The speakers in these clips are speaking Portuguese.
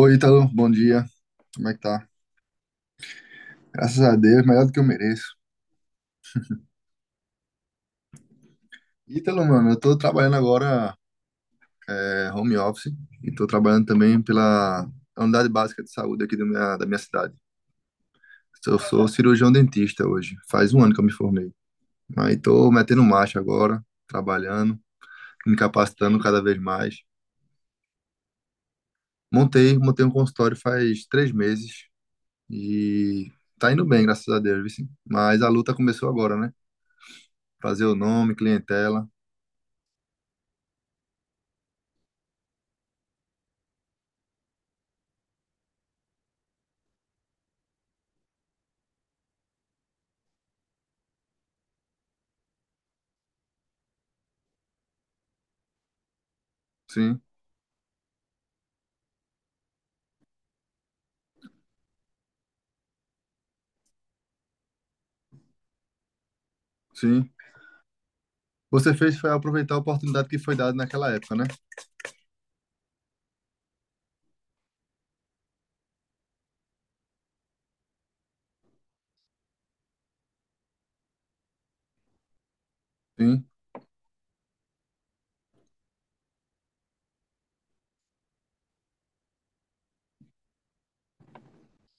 Oi, Ítalo, bom dia. Como é que tá? Graças a Deus, melhor do que eu mereço. Ítalo, mano, eu tô trabalhando agora home office e tô trabalhando também pela unidade básica de saúde aqui da minha cidade. Eu sou cirurgião dentista hoje, faz um ano que eu me formei. Aí tô metendo marcha agora, trabalhando, me capacitando cada vez mais. Montei um consultório faz 3 meses e tá indo bem, graças a Deus, viu, sim. Mas a luta começou agora, né? Fazer o nome, clientela, sim, sim. Você fez foi aproveitar a oportunidade que foi dada naquela época, né? Sim.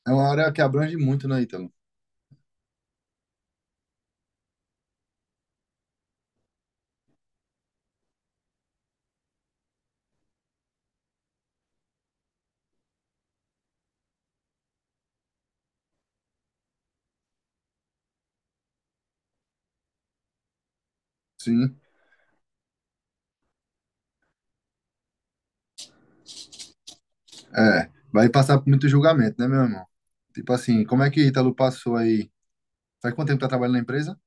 É uma área que abrange muito, né, Ítalo? Sim. É. Vai passar por muito julgamento, né, meu irmão? Tipo assim, como é que Ítalo passou aí? Faz quanto tempo que tá trabalhando na empresa?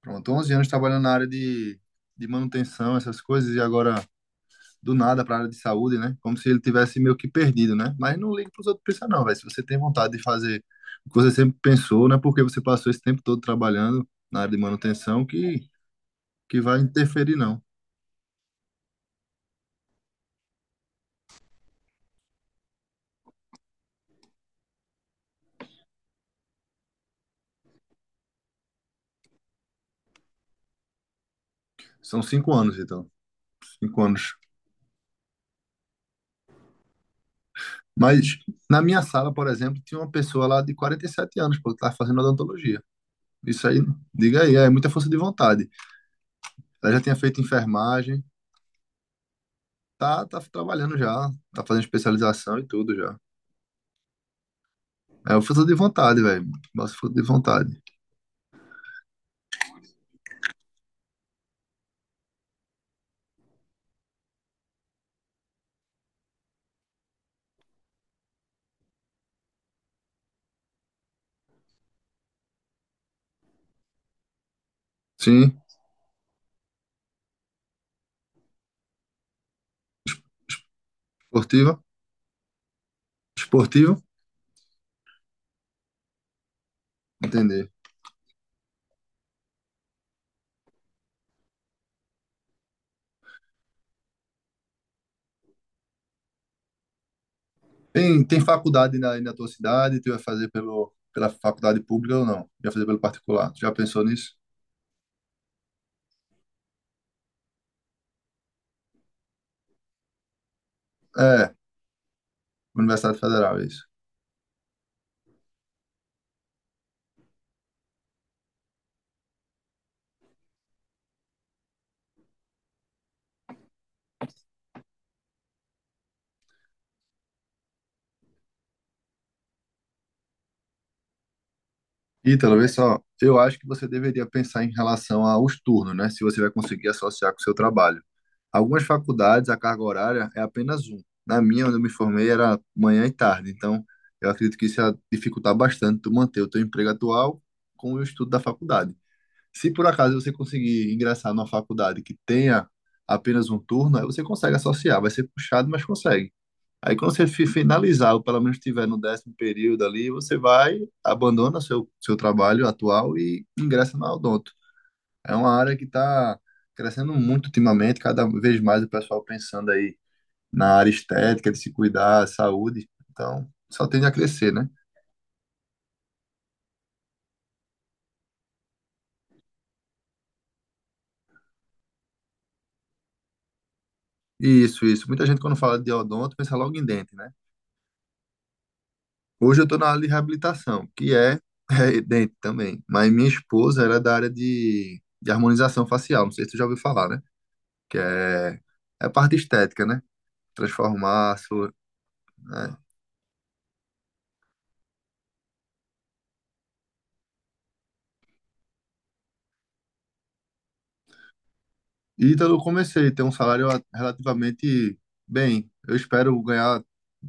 Pronto, 11 anos trabalhando na área de manutenção, essas coisas, e agora do nada pra área de saúde, né? Como se ele tivesse meio que perdido, né? Mas não liga pros outros pensar, não, velho. Se você tem vontade de fazer o que você sempre pensou, não é porque você passou esse tempo todo trabalhando na área de manutenção que vai interferir, não. São 5 anos, então. 5 anos. Mas na minha sala, por exemplo, tinha uma pessoa lá de 47 anos, pô, que estava fazendo odontologia. Isso aí, diga aí, é muita força de vontade. Ela já tinha feito enfermagem, tá trabalhando já, tá fazendo especialização e tudo já. É uma força de vontade, velho. Nossa, força de vontade. Sim, esportiva, esportivo, entender. Tem, tem faculdade na tua cidade, tu vai fazer pela faculdade pública ou não? Vai fazer pelo particular? Tu já pensou nisso? É, Universidade Federal, é isso. Ítalo, vê só, eu acho que você deveria pensar em relação aos turnos, né? Se você vai conseguir associar com o seu trabalho. Algumas faculdades, a carga horária é apenas um. Na minha, onde eu me formei, era manhã e tarde. Então, eu acredito que isso ia dificultar bastante tu manter o teu emprego atual com o estudo da faculdade. Se por acaso você conseguir ingressar numa faculdade que tenha apenas um turno, aí você consegue associar. Vai ser puxado, mas consegue. Aí quando você finalizar, ou pelo menos estiver no décimo período ali, você vai, abandona seu trabalho atual e ingressa na Odonto. É uma área que está crescendo muito ultimamente, cada vez mais o pessoal pensando aí na área estética, de se cuidar, saúde. Então, só tende a crescer, né? E isso, isso. Muita gente quando fala de odonto pensa logo em dente, né? Hoje eu estou na área de reabilitação, é dente também. Mas minha esposa era da área de harmonização facial, não sei se você já ouviu falar, né? Que é a parte estética, né? Transformar, né? E então eu comecei a ter um salário relativamente bem. Eu espero ganhar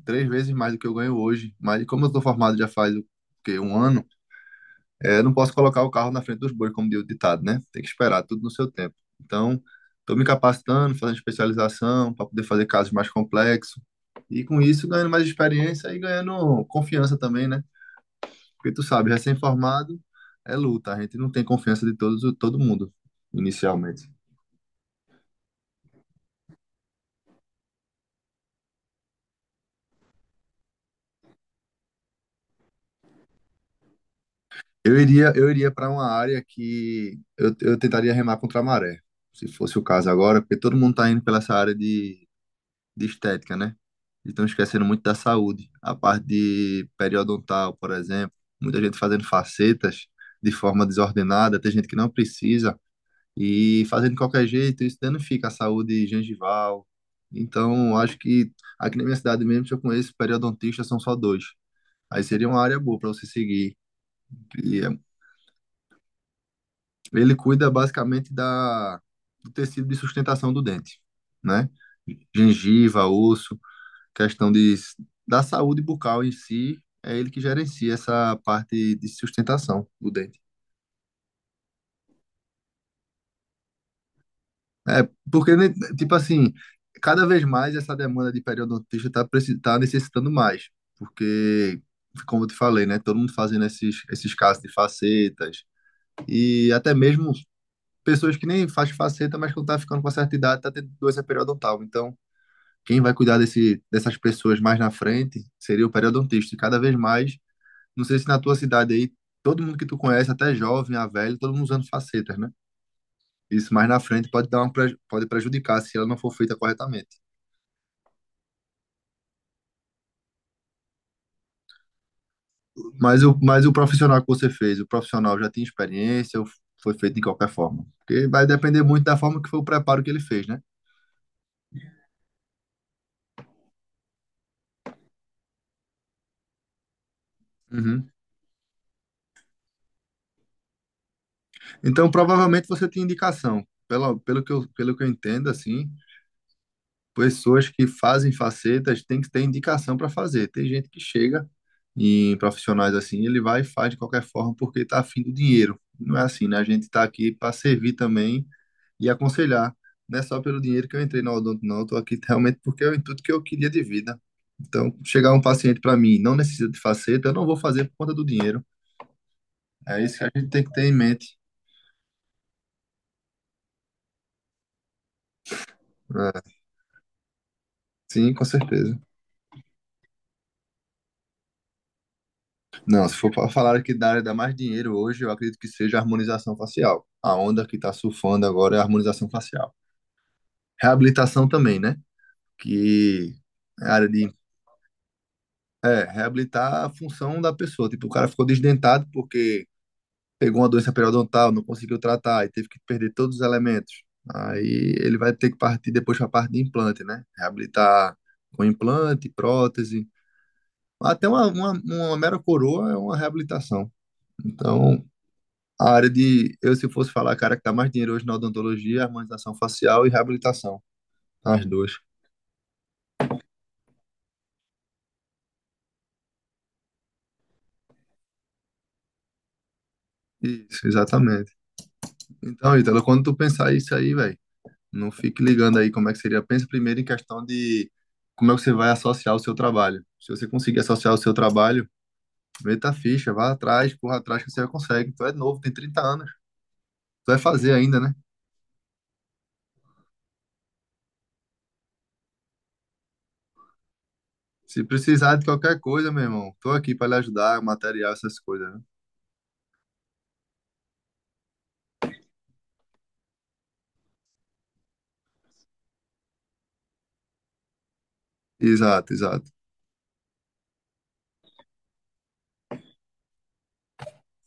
três vezes mais do que eu ganho hoje, mas como eu estou formado já faz o quê? Um ano, eu não posso colocar o carro na frente dos bois, como diz o ditado, né? Tem que esperar tudo no seu tempo. Então, estou me capacitando, fazendo especialização para poder fazer casos mais complexos. E com isso, ganhando mais experiência e ganhando confiança também, né? Porque tu sabe, recém-formado é luta, a gente não tem confiança de todos, todo mundo, inicialmente. Eu iria para uma área que eu tentaria remar contra a maré, se fosse o caso agora, porque todo mundo está indo pela essa área de estética, né? E estão esquecendo muito da saúde. A parte de periodontal, por exemplo, muita gente fazendo facetas de forma desordenada, tem gente que não precisa. E fazendo de qualquer jeito, isso danifica a saúde gengival. Então, acho que aqui na minha cidade mesmo, se eu conheço periodontistas, são só dois. Aí seria uma área boa para você seguir. E ele cuida basicamente do tecido de sustentação do dente, né? Gengiva, osso, questão da saúde bucal em si, é ele que gerencia essa parte de sustentação do dente. É, porque, né, tipo assim, cada vez mais essa demanda de periodontista tá necessitando mais. Porque, como eu te falei, né? Todo mundo fazendo esses casos de facetas. E até mesmo pessoas que nem faz faceta, mas que tá ficando com uma certa idade, tá tendo doença periodontal. Então, quem vai cuidar dessas pessoas mais na frente seria o periodontista. E cada vez mais, não sei se na tua cidade aí, todo mundo que tu conhece, até jovem, a velho, todo mundo usando facetas, né? Isso mais na frente pode prejudicar se ela não for feita corretamente. Mas o profissional que você fez, o profissional já tinha experiência ou foi feito de qualquer forma? Porque vai depender muito da forma que foi o preparo que ele fez, né? Uhum. Então, provavelmente você tem indicação. Pelo que eu entendo, assim, pessoas que fazem facetas têm que ter indicação para fazer. Tem gente que chega em profissionais assim, ele vai e faz de qualquer forma porque está afim do dinheiro. Não é assim, né? A gente está aqui para servir também e aconselhar. Não é só pelo dinheiro que eu entrei na Odonto, não. Eu tô aqui realmente porque é o intuito que eu queria de vida. Então, chegar um paciente para mim, não necessita de faceta, eu não vou fazer por conta do dinheiro. É isso que a gente tem que ter em mente. É, sim, com certeza. Não, se for para falar aqui da área da mais dinheiro hoje, eu acredito que seja a harmonização facial. A onda que está surfando agora é a harmonização facial. Reabilitação também, né? Que é a área de reabilitar a função da pessoa. Tipo, o cara ficou desdentado porque pegou uma doença periodontal, não conseguiu tratar e teve que perder todos os elementos. Aí ele vai ter que partir depois para a parte de implante, né? Reabilitar com implante, prótese. Até uma mera coroa é uma reabilitação. Então, eu se fosse falar, cara, que dá mais dinheiro hoje na odontologia, é harmonização facial e reabilitação, as duas. Isso, exatamente. Então, Ítalo, quando tu pensar isso aí, velho, não fique ligando aí como é que seria. Pensa primeiro em questão de como é que você vai associar o seu trabalho. Se você conseguir associar o seu trabalho, meta a ficha, vá atrás, corra atrás que você consegue. Tu é novo, tem 30 anos. Tu vai fazer ainda, né? Se precisar de qualquer coisa, meu irmão, tô aqui para lhe ajudar, material, essas coisas, né? Exato, exato.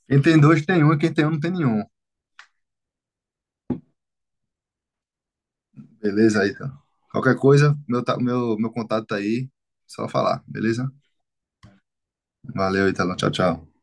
Quem tem dois tem um e quem tem um não tem nenhum. Beleza aí, então. Qualquer coisa, meu contato tá aí. Só falar, beleza? Valeu, Italo. Tchau, tchau.